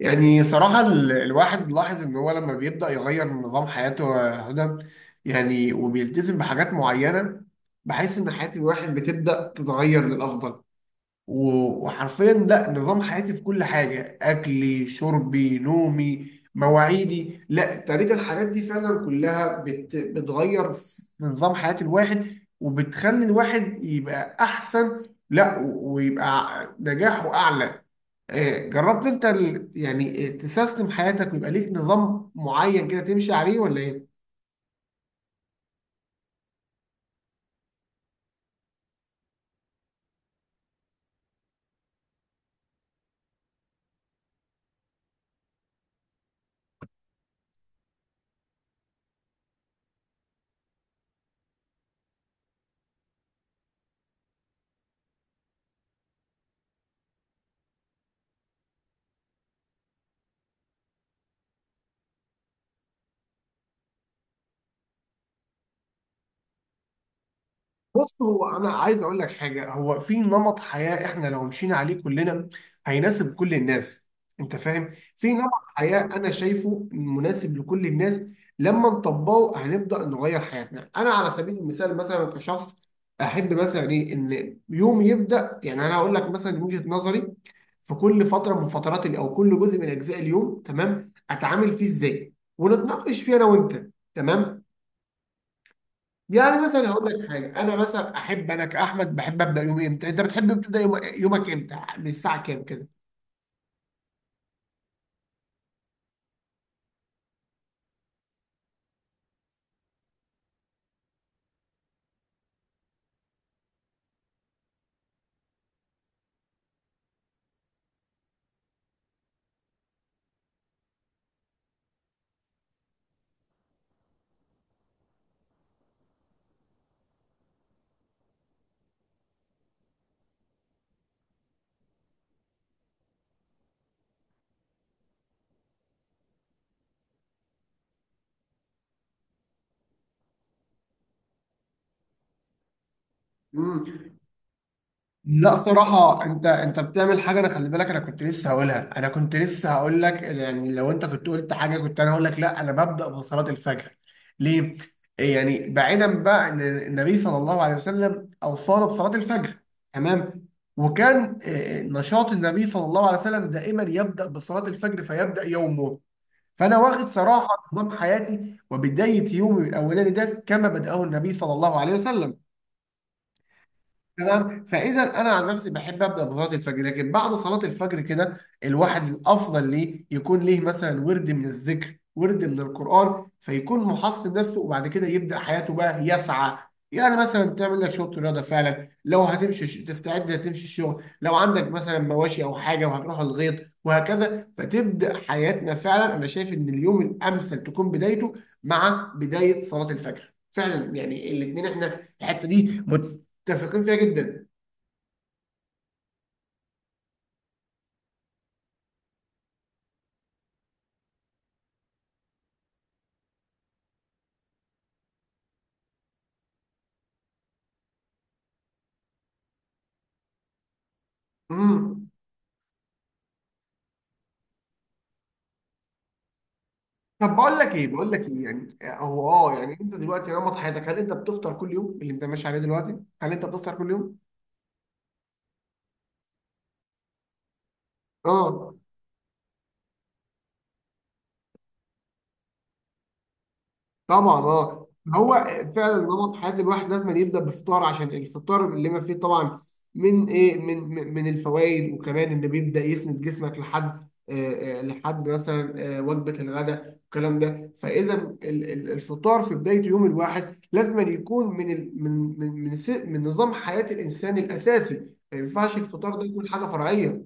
يعني صراحة الواحد لاحظ إن هو لما بيبدأ يغير من نظام حياته يا هدى، يعني وبيلتزم بحاجات معينة، بحيث إن حياة الواحد بتبدأ تتغير للأفضل. وحرفيا، لا، نظام حياتي في كل حاجة، أكلي، شربي، نومي، مواعيدي، لا، طريقة الحاجات دي فعلا كلها بتغير في نظام حياة الواحد، وبتخلي الواحد يبقى أحسن. لا، ويبقى نجاحه أعلى. جربت أنت يعني، تسيستم حياتك ويبقى ليك نظام معين كده تمشي عليه، ولا إيه؟ بص، هو انا عايز اقول لك حاجه. هو في نمط حياه، احنا لو مشينا عليه كلنا هيناسب كل الناس. انت فاهم؟ في نمط حياه انا شايفه مناسب لكل الناس، لما نطبقه هنبدا نغير حياتنا. انا على سبيل المثال مثلا كشخص، احب مثلا ايه ان يومي يبدا. يعني انا هقول لك مثلا من وجهه نظري، في كل فتره من فترات او كل جزء من اجزاء اليوم، تمام، اتعامل فيه ازاي ونتناقش فيه انا وانت، تمام. يعني مثلا هقول لك حاجه. انا مثلا احب، انا كاحمد بحب ابدا يومي امتى؟ انت بتحب تبدا يومك امتى، من الساعه كام كده؟ امم. لا صراحة، انت بتعمل حاجة. انا خلي بالك، انا كنت لسه هقولها، انا كنت لسه هقول لك، يعني لو انت كنت قلت حاجة كنت انا هقول لك، لا، انا ببدأ بصلاة الفجر. ليه؟ يعني بعيدا بقى ان النبي صلى الله عليه وسلم اوصانا بصلاة الفجر، تمام. وكان نشاط النبي صلى الله عليه وسلم دائما يبدأ بصلاة الفجر، فيبدأ يومه. فانا واخد صراحه نظام حياتي وبدايه يومي الاولاني ده كما بداه النبي صلى الله عليه وسلم. تمام. فاذا انا عن نفسي بحب ابدا بصلاه الفجر، لكن بعد صلاه الفجر كده، الواحد الافضل ليه يكون ليه مثلا ورد من الذكر، ورد من القران، فيكون محصن نفسه، وبعد كده يبدا حياته بقى يسعى. يعني مثلا تعمل لك شويه رياضه، فعلا لو هتمشي تستعد تمشي الشغل، لو عندك مثلا مواشي او حاجه وهتروح الغيط، وهكذا. فتبدا حياتنا فعلا. انا شايف ان اليوم الامثل تكون بدايته مع بدايه صلاه الفجر فعلا، يعني الاثنين احنا الحته دي متفقين فيها جدا. امم. طب، بقول لك ايه، يعني هو يعني انت دلوقتي نمط حياتك، هل انت بتفطر كل يوم اللي انت ماشي عليه دلوقتي؟ هل انت بتفطر كل يوم؟ اه، طبعا، اه. هو فعلا نمط حياة الواحد لازم يبدأ بفطار، عشان الفطار اللي ما فيه طبعا من ايه، من الفوائد، وكمان ان بيبدأ يسند جسمك لحد لحد مثلا وجبة الغداء والكلام ده. فإذا الفطار في بداية يوم الواحد لازم يكون من ال من من من, س- من نظام حياة الإنسان الأساسي. ما ينفعش الفطار ده يكون حاجة فرعية.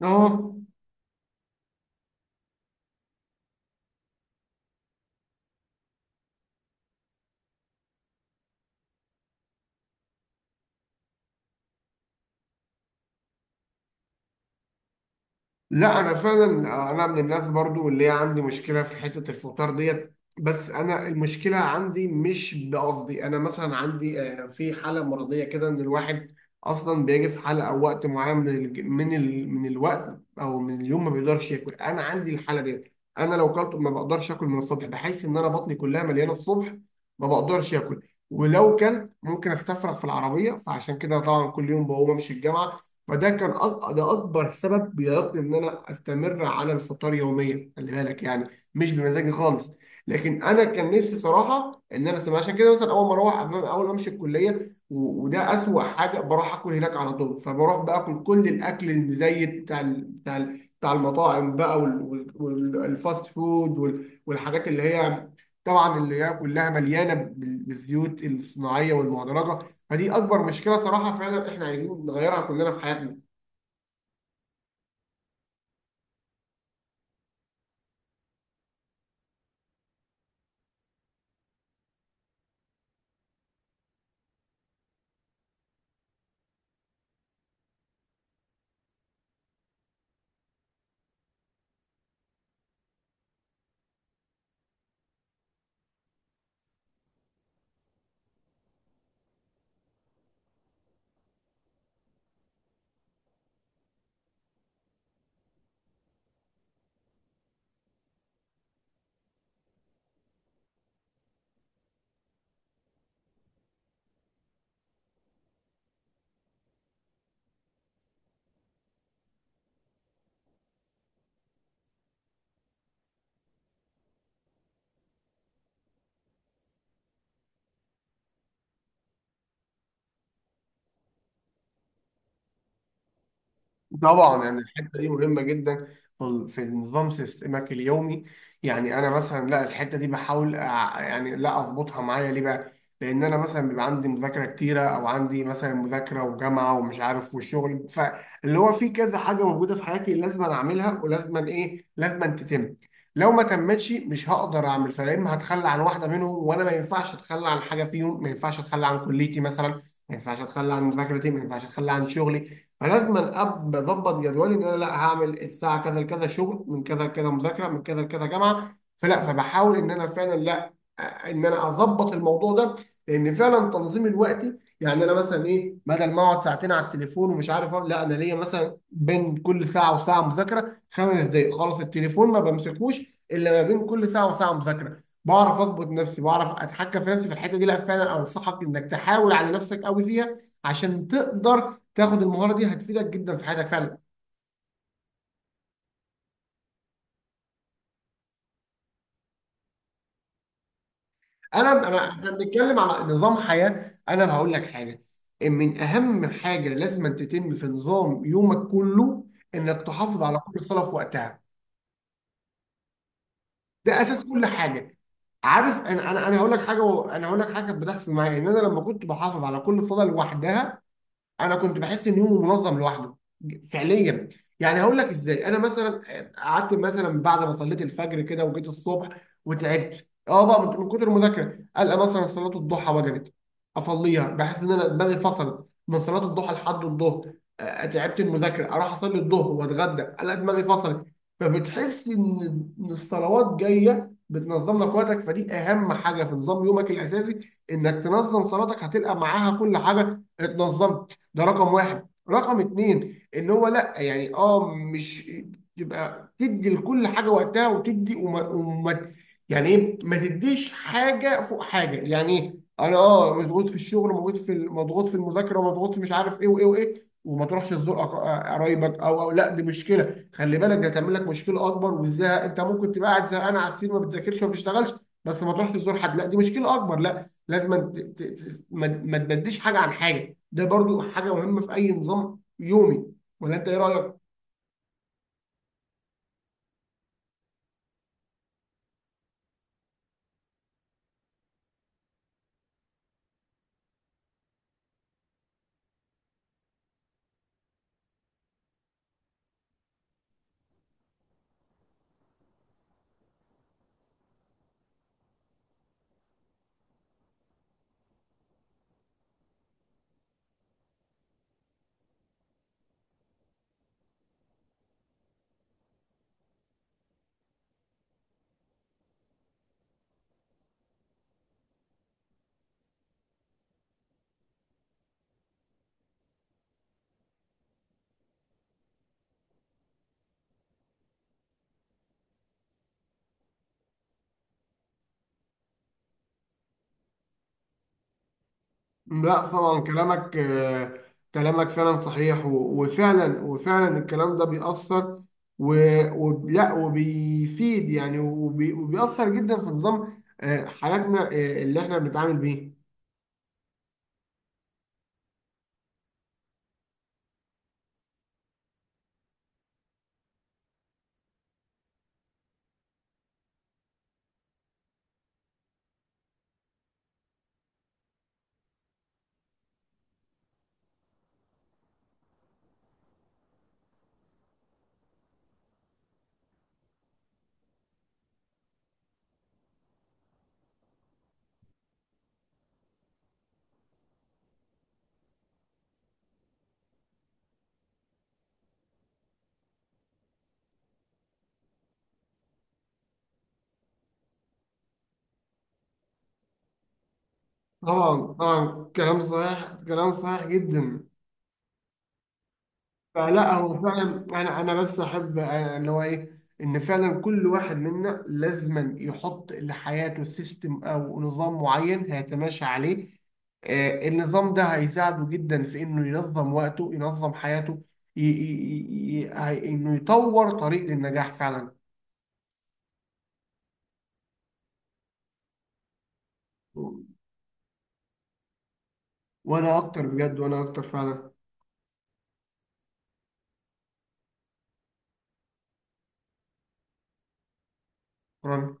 اه، لا انا فعلا، انا من الناس برضو اللي هي عندي مشكله في حته الفطار ديت، بس انا المشكله عندي مش بقصدي، انا مثلا عندي، في حاله مرضيه كده ان الواحد اصلا بيجي في حاله او وقت معين من الوقت او من اليوم، ما بيقدرش ياكل. انا عندي الحاله ديت، انا لو كلت ما بقدرش اكل من الصبح، بحيث ان انا بطني كلها مليانه الصبح، ما بقدرش اكل. ولو كلت ممكن استفرغ في العربيه، فعشان كده طبعا كل يوم بقوم امشي الجامعه. فده كان ده اكبر سبب بيعيقني ان انا استمر على الفطار يوميا، خلي بالك يعني، مش بمزاجي خالص. لكن انا كان نفسي صراحه ان انا سمع، عشان كده مثلا اول ما اروح اول ما امشي الكليه، وده اسوأ حاجه، بروح اكل هناك على طول. فبروح باكل كل الاكل المزيت بتاع المطاعم بقى، والفاست فود والحاجات اللي هي، طبعا اللي هي كلها مليانه بالزيوت الصناعيه والمهدرجه. فدي اكبر مشكله صراحه، فعلا احنا عايزين نغيرها كلنا في حياتنا. طبعا، يعني الحته دي مهمه جدا في نظام سيستمك اليومي. يعني انا مثلا، لا، الحته دي بحاول يعني، لا، اظبطها معايا. ليه بقى؟ لان انا مثلا بيبقى عندي مذاكره كتيره، او عندي مثلا مذاكره وجامعه ومش عارف وشغل. فاللي هو في كذا حاجه موجوده في حياتي لازم أنا اعملها، ولازم أنا ايه، لازم أن تتم. لو ما تمتش مش هقدر اعمل، فلا، اما هتخلى عن واحده منهم، وانا ما ينفعش اتخلى عن حاجه فيهم. ما ينفعش اتخلى عن كليتي مثلا، ما ينفعش اتخلى عن مذاكرتي، ما ينفعش اتخلى عن شغلي. فلازم اظبط جدولي، ان انا لا هعمل الساعه كذا لكذا شغل، من كذا لكذا مذاكره، من كذا لكذا جامعه. فلا، فبحاول ان انا فعلا، لا، ان انا اظبط الموضوع ده. لان فعلا تنظيم الوقت، يعني انا مثلا ايه، بدل ما اقعد ساعتين على التليفون ومش عارف أعمل، لا، انا ليا مثلا بين كل ساعه وساعه مذاكره 5 دقائق، خلاص التليفون ما بمسكوش الا ما بين كل ساعه وساعه مذاكره. بعرف اظبط نفسي، بعرف اتحكم في نفسي في الحته دي. لا فعلا، انصحك انك تحاول على نفسك قوي فيها، عشان تقدر تاخد المهاره دي، هتفيدك جدا في حياتك فعلا. انا انا احنا بنتكلم على نظام حياه. انا هقول لك حاجه، إن من اهم حاجه لازم أن تتم في نظام يومك كله، انك تحافظ على كل صلاه في وقتها. ده اساس كل حاجه. عارف، انا هقول لك حاجه و- انا هقول لك حاجه كانت بتحصل معايا، ان انا لما كنت بحافظ على كل صلاه لوحدها، انا كنت بحس ان يومه منظم لوحده. فعليا، يعني هقول لك ازاي. انا مثلا قعدت مثلا بعد ما صليت الفجر كده، وجيت الصبح وتعبت بقى من كتر المذاكره، القى مثلا صلاه الضحى وجبت، اصليها، بحس ان انا دماغي فصلت من صلاه الضحى لحد الظهر. تعبت المذاكره، اروح اصلي الظهر واتغدى، الاقي دماغي فصلت. فبتحس إن الصلوات جايه بتنظم لك وقتك. فدي اهم حاجه في نظام يومك الاساسي، انك تنظم صلاتك، هتلقى معاها كل حاجه اتنظمت. ده رقم واحد. رقم اتنين، ان هو، لا يعني مش تبقى تدي لكل حاجه وقتها، وتدي، وما، يعني ايه؟ ما تديش حاجه فوق حاجه. يعني ايه؟ انا مضغوط في الشغل، مضغوط في المذاكره، مضغوط في، مش عارف ايه وايه وايه، وما تروحش تزور قرايبك، او، لا دي مشكله خلي بالك، ده هتعمل لك مشكله اكبر. والزهق، انت ممكن تبقى قاعد زهقان على السرير ما بتذاكرش ما بتشتغلش، بس ما تروحش تزور حد، لا دي مشكله اكبر. لا، لازم ما تبديش حاجه عن حاجه. ده برضو حاجه مهمه في اي نظام يومي. ولا انت ايه رايك؟ لا طبعا، كلامك فعلا صحيح، وفعلا، الكلام ده بيأثر، و- ولا وبيفيد، يعني وبيأثر جدا في نظام حياتنا، اللي احنا بنتعامل بيه. طبعا، طبعا، كلام صحيح، كلام صحيح جدا. فلا، هو فعلا انا بس احب، اللي هو ايه، ان فعلا كل واحد منا لازما يحط لحياته سيستم او نظام معين هيتماشى عليه. النظام ده هيساعده جدا في انه ينظم وقته، ينظم حياته، انه يطور طريق للنجاح فعلا. وانا اكتر بجد، وانا اكتر فعلا. شكراً.